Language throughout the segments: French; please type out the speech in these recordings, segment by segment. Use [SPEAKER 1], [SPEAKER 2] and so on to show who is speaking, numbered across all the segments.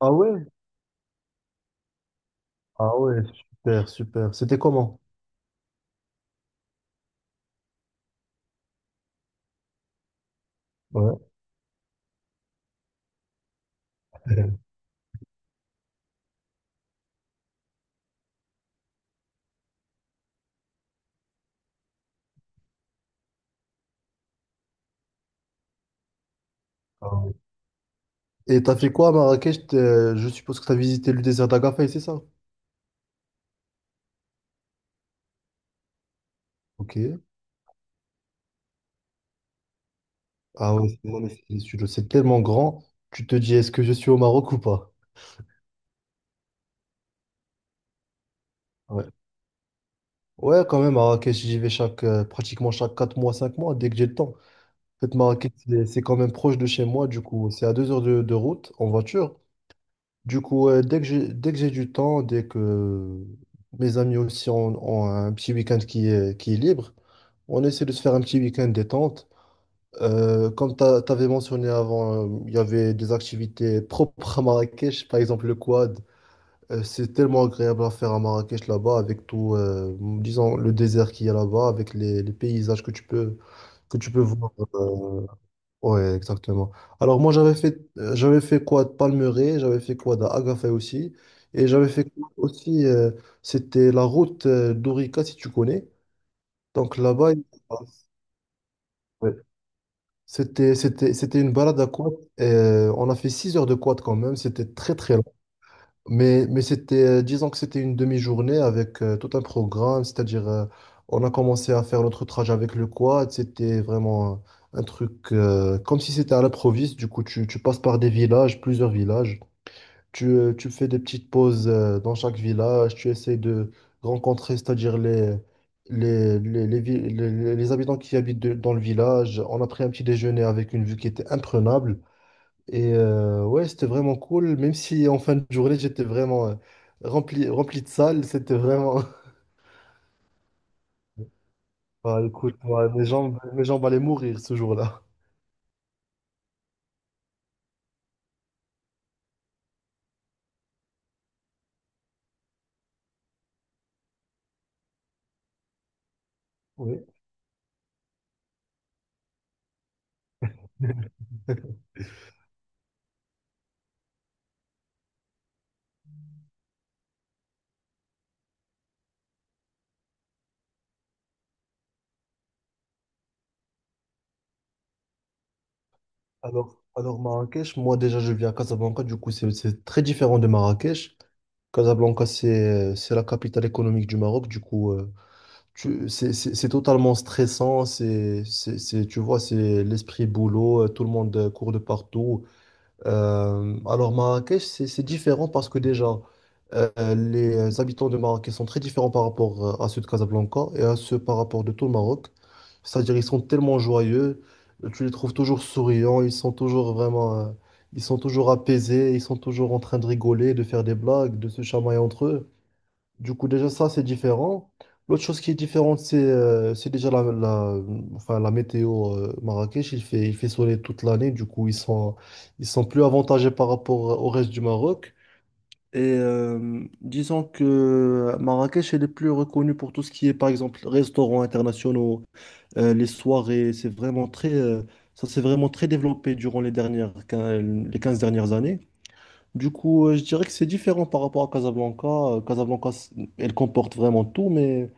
[SPEAKER 1] Ah ouais? Ah ouais, super, super. C'était comment? Ouais. Ah ouais. Et t'as fait quoi à Marrakech? Je suppose que t'as visité le désert d'Agafay, c'est ça? Ok. Ah ouais, c'est ouais, c'est tellement grand. Tu te dis, est-ce que je suis au Maroc ou pas? Ouais. Ouais, quand même, Marrakech, j'y vais pratiquement chaque 4 mois, 5 mois, dès que j'ai le temps. En fait, Marrakech, c'est quand même proche de chez moi, du coup, c'est à 2 heures de route en voiture. Du coup, dès que j'ai du temps, dès que mes amis aussi ont un petit week-end qui est libre, on essaie de se faire un petit week-end détente. Comme tu avais mentionné avant, il y avait des activités propres à Marrakech, par exemple le quad. C'est tellement agréable à faire à Marrakech là-bas, avec tout, disons, le désert qu'il y a là-bas, avec les paysages que tu peux voir. Ouais, exactement. Alors moi j'avais fait quoi de Palmeraie, j'avais fait quoi d'Agafay aussi, et j'avais fait quoi aussi c'était la route d'Orica si tu connais. Donc là-bas, ouais. C'était une balade à quad. Et, on a fait 6 heures de quad quand même, c'était très très, mais c'était, disons que c'était une demi-journée avec tout un programme, c'est-à-dire on a commencé à faire notre trajet avec le quad, c'était vraiment un truc comme si c'était à l'improviste, du coup tu passes par des villages, plusieurs villages, tu fais des petites pauses dans chaque village, tu essaies de rencontrer, c'est-à-dire les, vi- les habitants qui habitent dans le village, on a pris un petit déjeuner avec une vue qui était imprenable. Et ouais, c'était vraiment cool, même si en fin de journée, j'étais vraiment rempli de salles. C'était vraiment. Ah, écoute, moi, mes jambes allaient mourir ce jour-là. Oui. Alors Marrakech, moi déjà, je vis à Casablanca. Du coup, c'est très différent de Marrakech. Casablanca, c'est la capitale économique du Maroc. Du coup, c'est totalement stressant. Tu vois, c'est l'esprit boulot. Tout le monde court de partout. Alors Marrakech, c'est différent parce que déjà, euh, les habitants de Marrakech sont très différents par rapport à ceux de Casablanca et à ceux par rapport de tout le Maroc. C'est-à-dire ils sont tellement joyeux, tu les trouves toujours souriants, ils sont toujours apaisés, ils sont toujours en train de rigoler, de faire des blagues, de se chamailler entre eux. Du coup, déjà, ça, c'est différent. L'autre chose qui est différente, c'est déjà enfin, la météo Marrakech. Il fait soleil toute l'année. Du coup, ils sont plus avantagés par rapport au reste du Maroc. Et disons que Marrakech, elle est plus reconnue pour tout ce qui est, par exemple, restaurants internationaux, les soirées. Ça s'est vraiment très développé durant les 15 dernières années. Du coup, je dirais que c'est différent par rapport à Casablanca. Casablanca, elle comporte vraiment tout, mais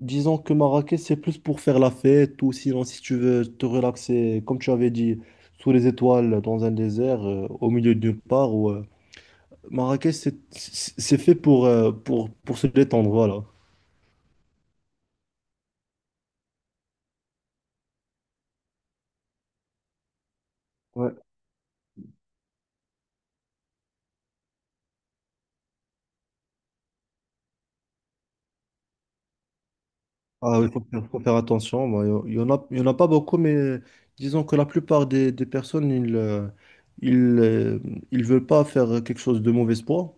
[SPEAKER 1] disons que Marrakech, c'est plus pour faire la fête ou sinon, si tu veux te relaxer, comme tu avais dit, sous les étoiles, dans un désert, au milieu de nulle part. Ou, Marrakech, c'est fait pour se détendre, voilà. Ah, oui, faut faire attention. Bon, il y en a pas beaucoup, mais disons que la plupart des personnes, ils, euh, ils veulent pas faire quelque chose de mauvais espoir.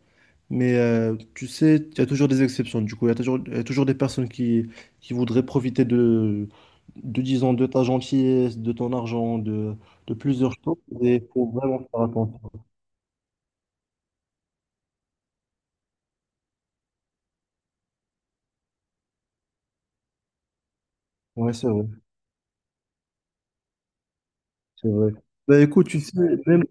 [SPEAKER 1] Mais tu sais, il y a toujours des exceptions. Du coup, il y a toujours des personnes qui voudraient profiter disons, de ta gentillesse, de ton argent, de plusieurs choses. Et il faut vraiment faire attention. Ouais, c'est vrai, c'est vrai. Bah, écoute, tu sais, même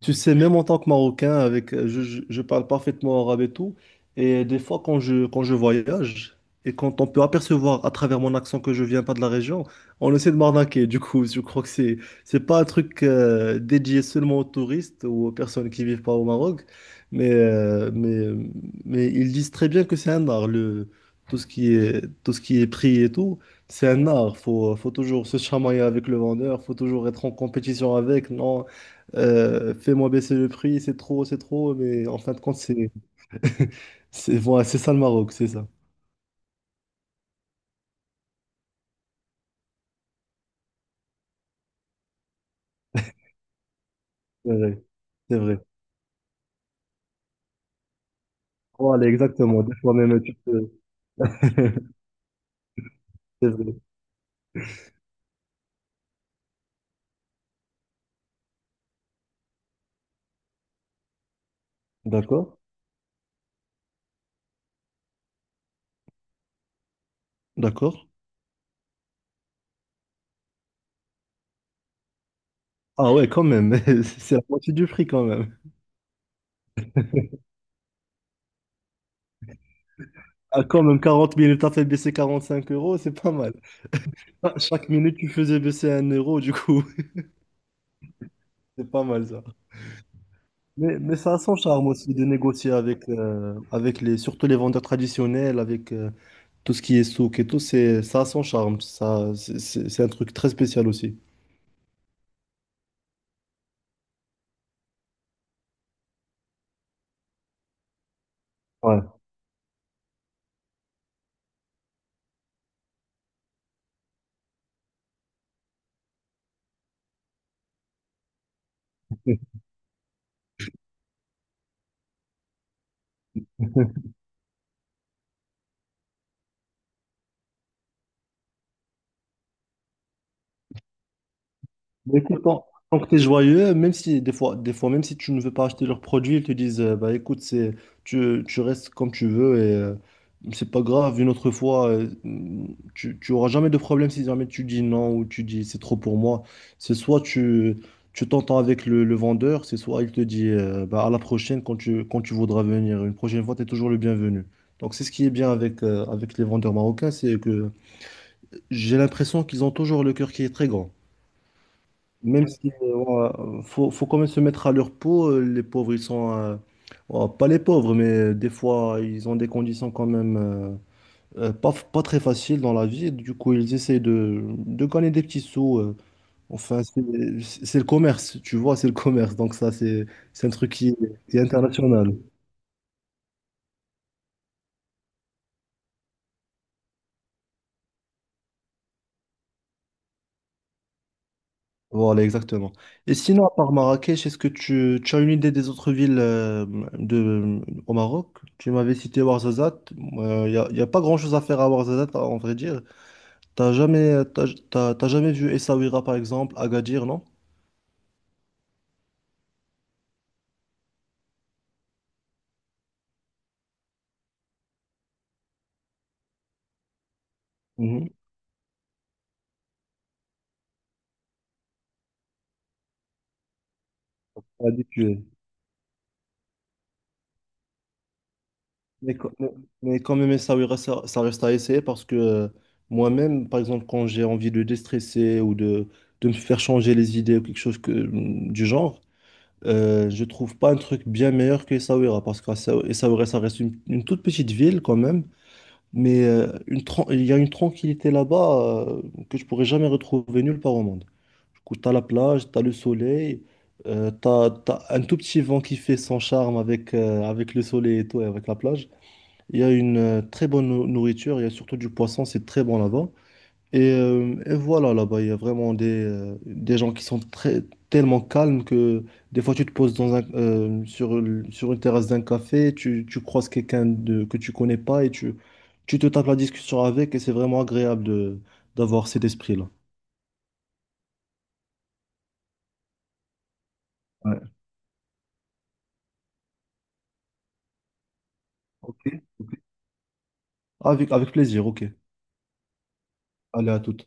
[SPEAKER 1] En tant que Marocain, avec, je parle parfaitement arabe et tout. Et des fois, quand je voyage et quand on peut apercevoir à travers mon accent que je viens pas de la région, on essaie de m'arnaquer. Du coup, je crois que c'est pas un truc dédié seulement aux touristes ou aux personnes qui vivent pas au Maroc. Mais, euh, mais, mais ils disent très bien que c'est un art, tout ce qui est prix et tout. C'est un art, faut toujours se chamailler avec le vendeur, faut toujours être en compétition avec. Non, fais-moi baisser le prix, c'est trop, mais en fin de compte, voilà, c'est ça le Maroc, c'est ça. C'est vrai, c'est vrai. Voilà, exactement. Des fois même, tu peux. C'est vrai. D'accord, d'accord. Ah ouais, quand même, c'est la moitié du prix quand même. Ah, quand même, 40 minutes, t'as fait baisser 45 euros, c'est pas mal. Ah, chaque minute, tu faisais baisser 1 euro, du coup, c'est pas mal ça. Mais ça a son charme aussi de négocier avec surtout les vendeurs traditionnels, tout ce qui est souk et tout, ça a son charme. Ça, c'est un truc très spécial aussi. Ouais. Mais écoute, tant que tu es joyeux, même si même si tu ne veux pas acheter leurs produits, ils te disent bah écoute, tu restes comme tu veux et c'est pas grave, une autre fois, tu auras jamais de problème si jamais tu dis non ou tu dis c'est trop pour moi. C'est soit tu t'entends avec le vendeur, c'est soit il te dit bah, à la prochaine quand tu voudras venir. Une prochaine fois, tu es toujours le bienvenu. Donc c'est ce qui est bien avec les vendeurs marocains, c'est que j'ai l'impression qu'ils ont toujours le cœur qui est très grand. Même si ouais, faut quand même se mettre à leur peau, les pauvres, ils sont ouais, pas les pauvres, mais des fois ils ont des conditions quand même pas très faciles dans la vie. Du coup, ils essaient de gagner des petits sous. Enfin, c'est le commerce, tu vois, c'est le commerce. Donc ça, c'est un truc qui est international. Voilà, exactement. Et sinon, à part Marrakech, est-ce que tu as une idée des autres villes de, au Maroc? Tu m'avais cité Ouarzazate. Y a pas grand-chose à faire à Ouarzazate, en vrai dire. T'as jamais vu Essaouira, par exemple, Agadir, non? Mhm. Habitué. Mais, quand mais- mais quand même, Essaouira, ça reste à essayer parce que moi-même, par exemple, quand j'ai envie de déstresser ou de me faire changer les idées ou quelque chose du genre, je trouve pas un truc bien meilleur que Essaouira parce que Essaouira, ça reste une toute petite ville quand même, mais il y a une tranquillité là-bas que je pourrais jamais retrouver nulle part au monde. Du coup, t'as la plage, t'as le soleil, t'as un tout petit vent qui fait son charme avec le soleil et tout, et avec la plage. Il y a une très bonne nourriture, il y a surtout du poisson, c'est très bon là-bas. Et voilà, là-bas, il y a vraiment des gens qui sont très, tellement calmes que des fois, tu te poses dans un, sur, le- sur une terrasse d'un café, tu croises quelqu'un que tu connais pas et tu te tapes la discussion avec et c'est vraiment agréable d'avoir cet esprit-là. Ouais. Ok. Avec plaisir, ok. Allez, à toute.